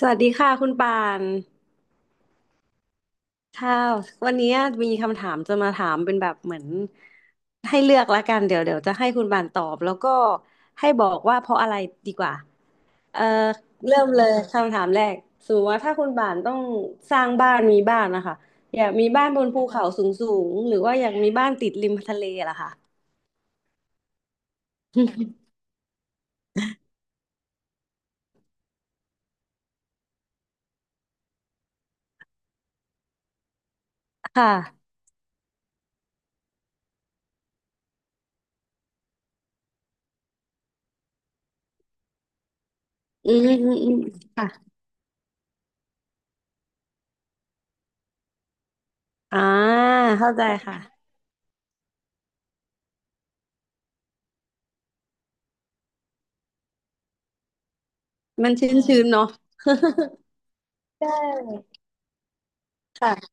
สวัสดีค่ะคุณปานค่ะวันนี้มีคำถามจะมาถามเป็นแบบเหมือนให้เลือกละกันเดี๋ยวจะให้คุณปานตอบแล้วก็ให้บอกว่าเพราะอะไรดีกว่าเอ่อเริ่มเลยคำถามแรกสมมติว่าถ้าคุณปานต้องสร้างบ้านมีบ้านนะคะอยากมีบ้านบนภูเขาสูงสูงหรือว่าอยากมีบ้านติดริมทะเลล่ะค่ะ ค่ะอืมอืมอืมค่ะอ่าเข้าใจค่ะมันชื้นชื้นเนาะค่ะ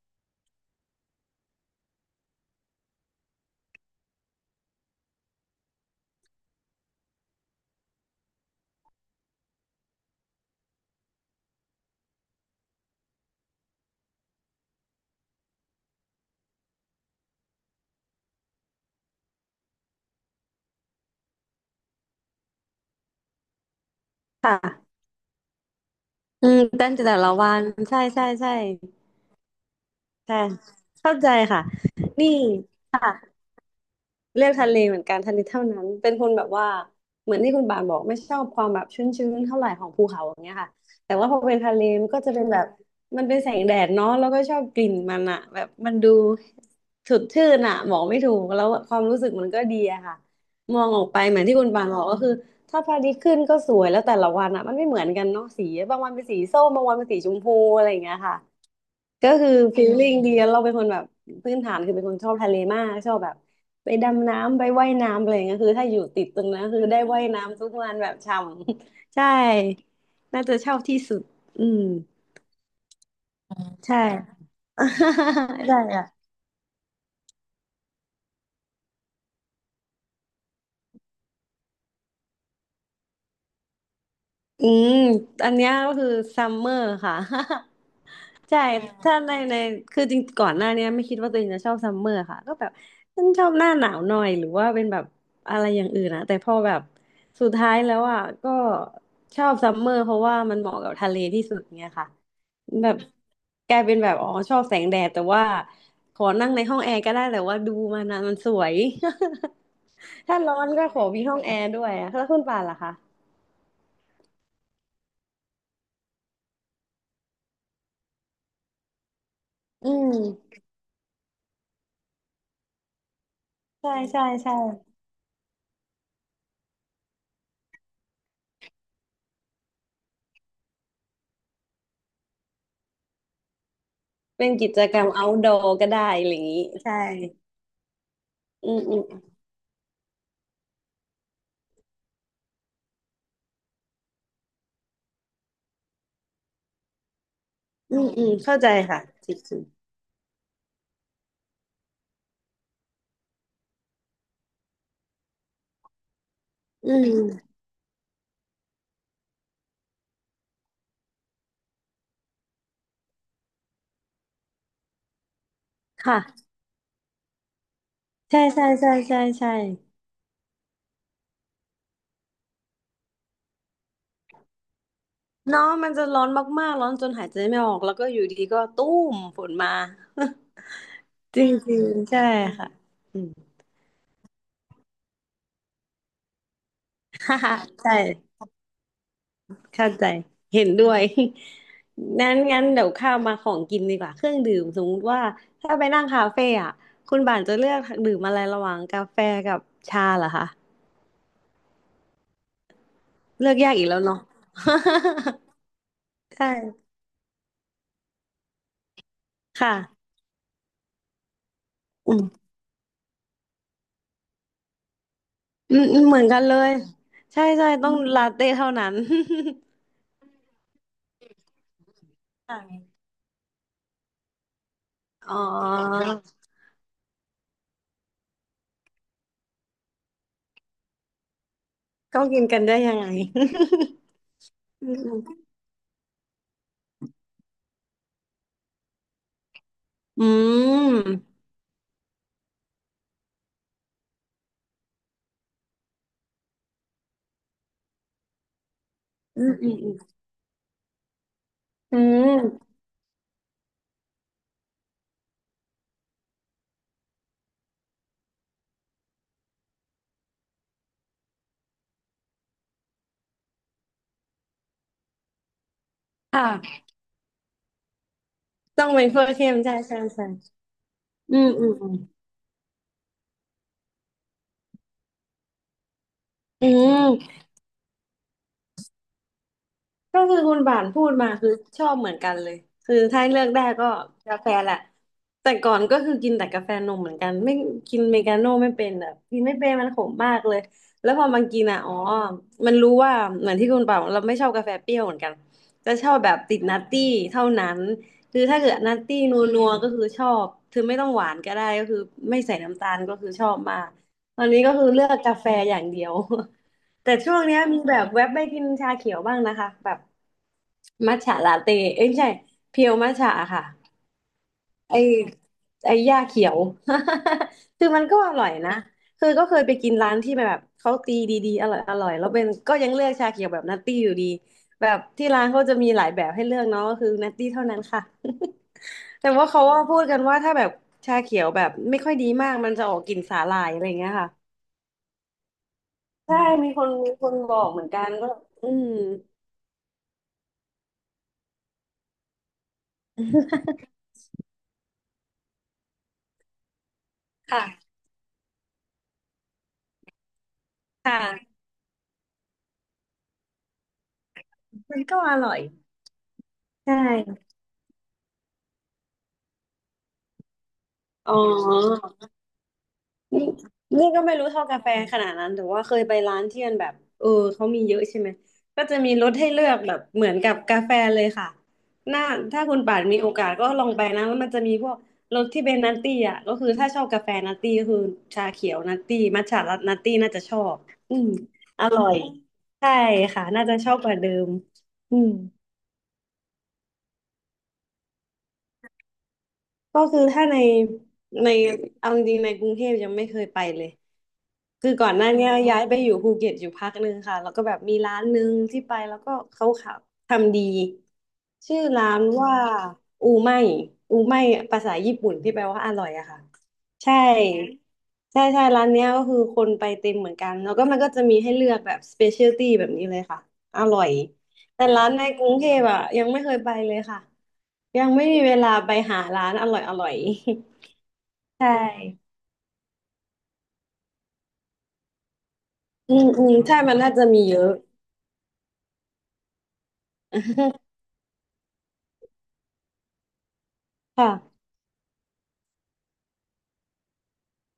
ค่ะ อืมเต้นแต่ละวันใช่ใช่ใช่ใช่เข้าใจค่ะนี่ เลือกทะเลเหมือนกันทะเลเท่านั้น เป็นคนแบบว่าเหมือนที่คุณบานบอกไม่ชอบความแบบชื้นๆเท่าไหร่ของภูเขาอย่างเงี้ยค่ะแต่ว่าพอเป็นทะเลมันก็จะเป็นแบบมันเป็นแสงแดดเนาะแล้วก็ชอบกลิ่นมันอะแบบมันดูสดชื่นอะบอกไม่ถูกแล้วความรู้สึกมันก็ดีอะค่ะมองออกไปเหมือนที่คุณบานบอกก็คือถ้าพระอาทิตย์ขึ้นก็สวยแล้วแต่ละวันอะมันไม่เหมือนกันเนาะสีบางวันเป็นสีส้มบางวันเป็นสีชมพูอะไรอย่างเงี้ยค่ะ ก็คือฟีลลิ่งดีแล้วเราเป็นคนแบบพื้นฐานคือเป็นคนชอบทะเลมากชอบแบบไปดำน้ำไปว่ายน้ำอะไรอย่างเงี้ยคือถ้าอยู่ติดตรงนั้นคือได้ว่ายน้ำทุกวันแบบฉ่ำ ใช่น่าจะชอบที่สุดอืมใช่ ได้ค่ะ อืมอันเนี้ยก็คือซัมเมอร์ค่ะ ใช่มถ้าในคือจริงก่อนหน้าเนี้ยไม่คิดว่าตัวเองจะชอบซัมเมอร์ค่ะก็แบบฉันชอบหน้าหนาวหน่อยหรือว่าเป็นแบบอะไรอย่างอื่นนะแต่พอแบบสุดท้ายแล้วอ่ะก็ชอบซัมเมอร์เพราะว่ามันเหมาะกับทะเลที่สุดเนี้ยค่ะแบบกลายเป็นแบบอ๋อชอบแสงแดดแต่ว่าขอนั่งในห้องแอร์ก็ได้แต่ว่าดูมันนะมันสวย ถ้าร้อนก็ขอมีห้องแอร์ด้วยอะแล้วคุณป่านล่ะคะอืม ใช่ใช่ใช่เป็นกิจกรรม outdoor ก็ได้อะไรอย่างนี้ใช่อืมอืมอืมอืมเข้าใจค่ะจริงๆอืมค่ะใช่ใช่ใช่ใช่ใช่เนาะมันจะร้อนมากๆร้อนจนหายใจไม่ออกแล้วก็อยู่ดีก็ตุ้มฝนมา จริงๆใช่ค่ะอืม ฮ่าฮ่าใช่ เข้าใจเห็นด้วย นั้นงั้นเดี๋ยวข้ามมาของกินดีกว่าเครื่องดื่มสมมติว่าถ้าไปนั่งคาเฟ่อะคุณบ่านจะเลือกดื่มอะไรระหว่างกาแฟกับชาเหรอคะเลือกยากอีกแล้วเนาะ ใช่ค่ะอืมอืมอืมเหมือนกันเลยใช่ใช่ต้องลาเต้เท่านั้น ใช่อ๋อก็กินกันได้ยังไง อืม อืมอืมอืมอืมอืมค่ะต้องเป็นคั่วเข้มใช่ใช่ใช่ อืมอืมอืมอืมก็คือคุณบ่านพูดมาคือชอบเหมือนกันเลยคือถ้าเลือกได้ก็กาแฟแหละแต่ก่อนก็คือกินแต่กาแฟนมเหมือนกันไม่กินเมกาโน่ไม่เป็นแบบกินไม่เป็นมันขมมากเลยแล้วพอมันกินอ่ะอ๋อมันรู้ว่าเหมือนที่คุณบ่าวเราไม่ชอบกาแฟเปรี้ยวเหมือนกันจะชอบแบบติดนัตตี้เท่านั้นคือถ้าเกิดนัตตี้นัวๆก็คือชอบคือไม่ต้องหวานก็ได้ก็คือไม่ใส่น้ำตาลก็คือชอบมากตอนนี้ก็คือเลือกกาแฟอย่างเดียว แต่ช่วงเนี้ยมีแบบแวบไปกินชาเขียวบ้างนะคะแบบมัทฉะลาเต้เอ้ยไม่ใช่เพียวมัทฉะอะค่ะไอไอหญ้าเขียว คือมันก็อร่อยนะคือก็เคยไปกินร้านที่แบบเขาตีดีๆอร่อยอร่อยแล้วเป็นก็ยังเลือกชาเขียวแบบนัตตี้อยู่ดีแบบที่ร้านเขาจะมีหลายแบบให้เลือกเนาะก็คือนัตตี้เท่านั้นค่ะ แต่ว่าเขาว่าพูดกันว่าถ้าแบบชาเขียวแบบไม่ค่อยดีมากมันจะออกกลิ่นสาหร่ายอะไรอย่างเงี้ยค่ะใช่มีคนมีคนบอกเหมือนกันก็อืมค่ะ ค่ะมันก็อร่อยใช่อ๋อนี่นี่ก็ไม่รู้เท่ากาแฟขนาดนั้นแต่ว่าเคยไปร้านที่มันแบบเออเขามีเยอะใช่ไหมก็จะมีรสให้เลือกแบบเหมือนกับกาแฟเลยค่ะน่าถ้าคุณป่านมีโอกาสก็ลองไปนะแล้วมันจะมีพวกรสที่เป็นนัตตี้อ่ะก็คือถ้าชอบกาแฟนัตตี้ก็คือชาเขียวนัตตี้มัทฉะนัตตี้น่าจะชอบอืมอร่อยใช่ค่ะน่าจะชอบกว่าเดิมอืม ก็คือถ้าในเอาจริงๆในกรุงเทพยังไม่เคยไปเลยคือก่อนหน้าเนี้ยย้ายไปอยู่ภูเก็ตอยู่พักหนึ่งค่ะแล้วก็แบบมีร้านหนึ่งที่ไปแล้วก็เขาขับทำดีชื่อร้านว่าอูไม่อูไม่ภาษาญี่ปุ่นที่แปลว่าอร่อยอะค่ะใช่ใช่ใช่ร้านเนี้ยก็คือคนไปเต็มเหมือนกันแล้วก็มันก็จะมีให้เลือกแบบสเปเชียลตี้แบบนี้เลยค่ะอร่อยแต่ร้านในกรุงเทพอะยังไม่เคยไปเลยค่ะ ยังไม่มีเวลาไปหาร้านอร่อยอร่อย ใช่อืมอืมใช่มันน่าจะมีเยอะ ค่ะ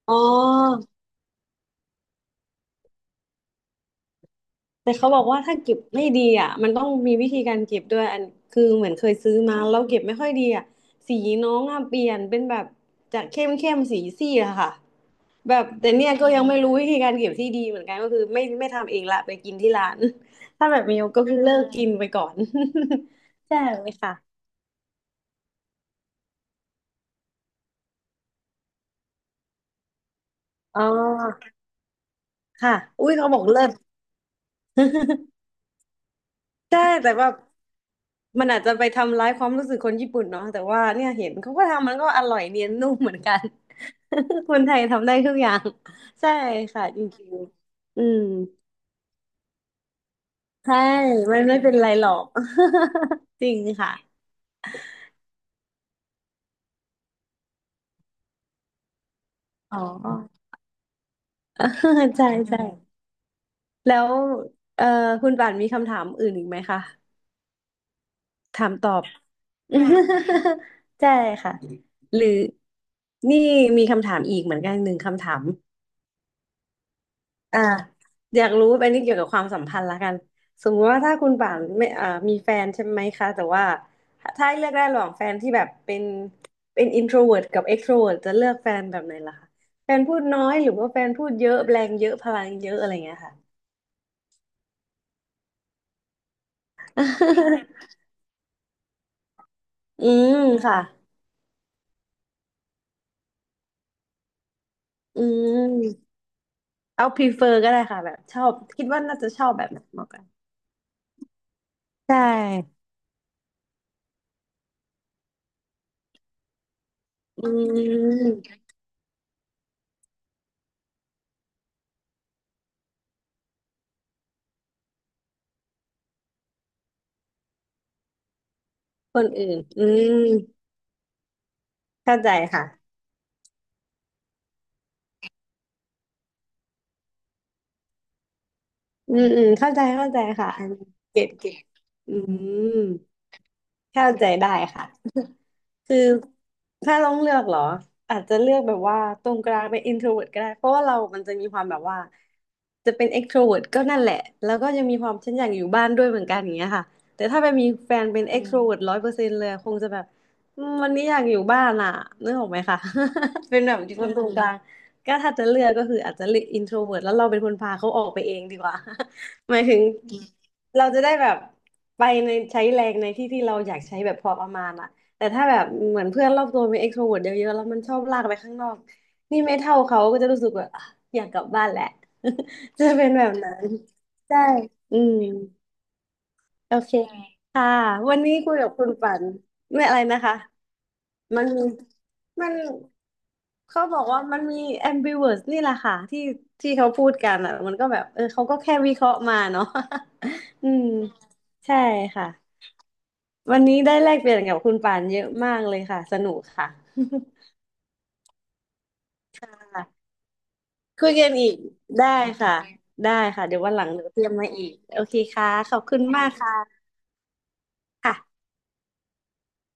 อ๋อแต่เขาบอกว่าถ้าเก็บไม่ดีอ่ะมันต้องมีวิธีการเก็บด้วยอันคือเหมือนเคยซื้อมาแล้วเก็บไม่ค่อยดีอ่ะสีน้องอ่ะเปลี่ยนเป็นแบบจากเข้มเข้มสีซีดอะค่ะแบบแต่เนี่ยก็ยังไม่รู้วิธีการเก็บที่ดีเหมือนกันก็คือไม่ทำเองละไปกินที่ร้าน ถ้าแบบมีก็คือเลิกกินไปก่อน ใช่ไหมค่ะอ๋อค่ะอุ้ยเขาบอกเลิศ ใช่แต่ว่ามันอาจจะไปทำร้ายความรู้สึกคนญี่ปุ่นเนาะแต่ว่าเนี่ยเห็นเขาก็ทำมันก็อร่อยเนียนนุ่มเหมือนกัน คนไทยทำได้ทุกอย่างใช่ค่ะจริงๆอืมใช่มันไม่เป็นไรหรอก จริงค่ะอ๋อ ใช่ใช่แล้วเอ่อคุณป่านมีคำถามอื่นอีกไหมคะถามตอบ ใช่ค่ะหรือนี่มีคำถามอีกเหมือนกันหนึ่งคำถาม อ่าอยากรู้อันนี้เกี่ยวกับความสัมพันธ์ละกันสมมุติว่าถ้าคุณป่านไม่อ่ามีแฟนใช่ไหมคะแต่ว่าถ้าให้เลือกได้ระหว่างแฟนที่แบบเป็น introvert กับ extrovert จะเลือกแฟนแบบไหนล่ะคะแฟนพูดน้อยหรือว่าแฟนพูดเยอะแรงเยอะพลังเยอะอะไรเงี้ยค่ะ อืมค่ะอืมเอา prefer ก็ได้ค่ะแบบชอบคิดว่าน่าจะชอบแบบไหนมากกว่าใช่อืมคนอื่นอืมเข้าใจค่ะ อืมอืมเข้าใจเข้าใจค่ะอันนี้เก็ตเก็ตอืมเข้าใจได้ค่ะ คือถ้าต้องเลือกเหรออาจจะเลือกแบบว่าตรงกลางเป็น introvert ก็ได้เพราะว่าเรามันจะมีความแบบว่าจะเป็น extrovert ก็นั่นแหละแล้วก็ยังมีความฉันอยากอยู่บ้านด้วยเหมือนกันอย่างเงี้ยค่ะแต่ถ้าไปมีแฟนเป็นextrovert ร้อยเปอร์เซ็นต์เลยคงจะแบบอืมวันนี้อยากอยู่บ้านอ่ะนึกออกไหมคะ เป็นแบบที่อืคนตรมงกลางก็ถ้าจะเลือกก็คืออาจจะเลือก introvert แล้วเราเป็นคนพาเขาออกไปเองดีกว่า หมายถึงเราจะได้แบบไปในใช้แรงในที่ที่เราอยากใช้แบบพอประมาณอะ แต่ถ้าแบบเหมือนเพื่อนรอบตัวมี extrovert เวิร์ตเยอะๆแล้วมันชอบลากไปข้างนอกนี่ไม่เท่าเขาก็จะรู้สึกว่าอ่ะอยากกลับบ้านแหละ จะเป็นแบบนั้นใช่อืมโอเคค่ะวันนี้คุยกับคุณฝันไม่อะไรนะคะมันมีมันเขาบอกว่ามันมี ambivert นี่แหละค่ะที่เขาพูดกันอ่ะมันก็แบบเออเขาก็แค่วิเคราะห์มาเนาะ อืมใช่ค่ะ วันนี้ได้แลกเปลี่ยนกับคุณป่านเยอะมากเลยค่ะสนุกค่ะค่ะคุยกันอีกได้ค่ะได้ค่ะเดี๋ยววันหลังเดี๋ยวเตรียมมาอีกโอเคค่ะขอบคุณมากค่ะค่ะ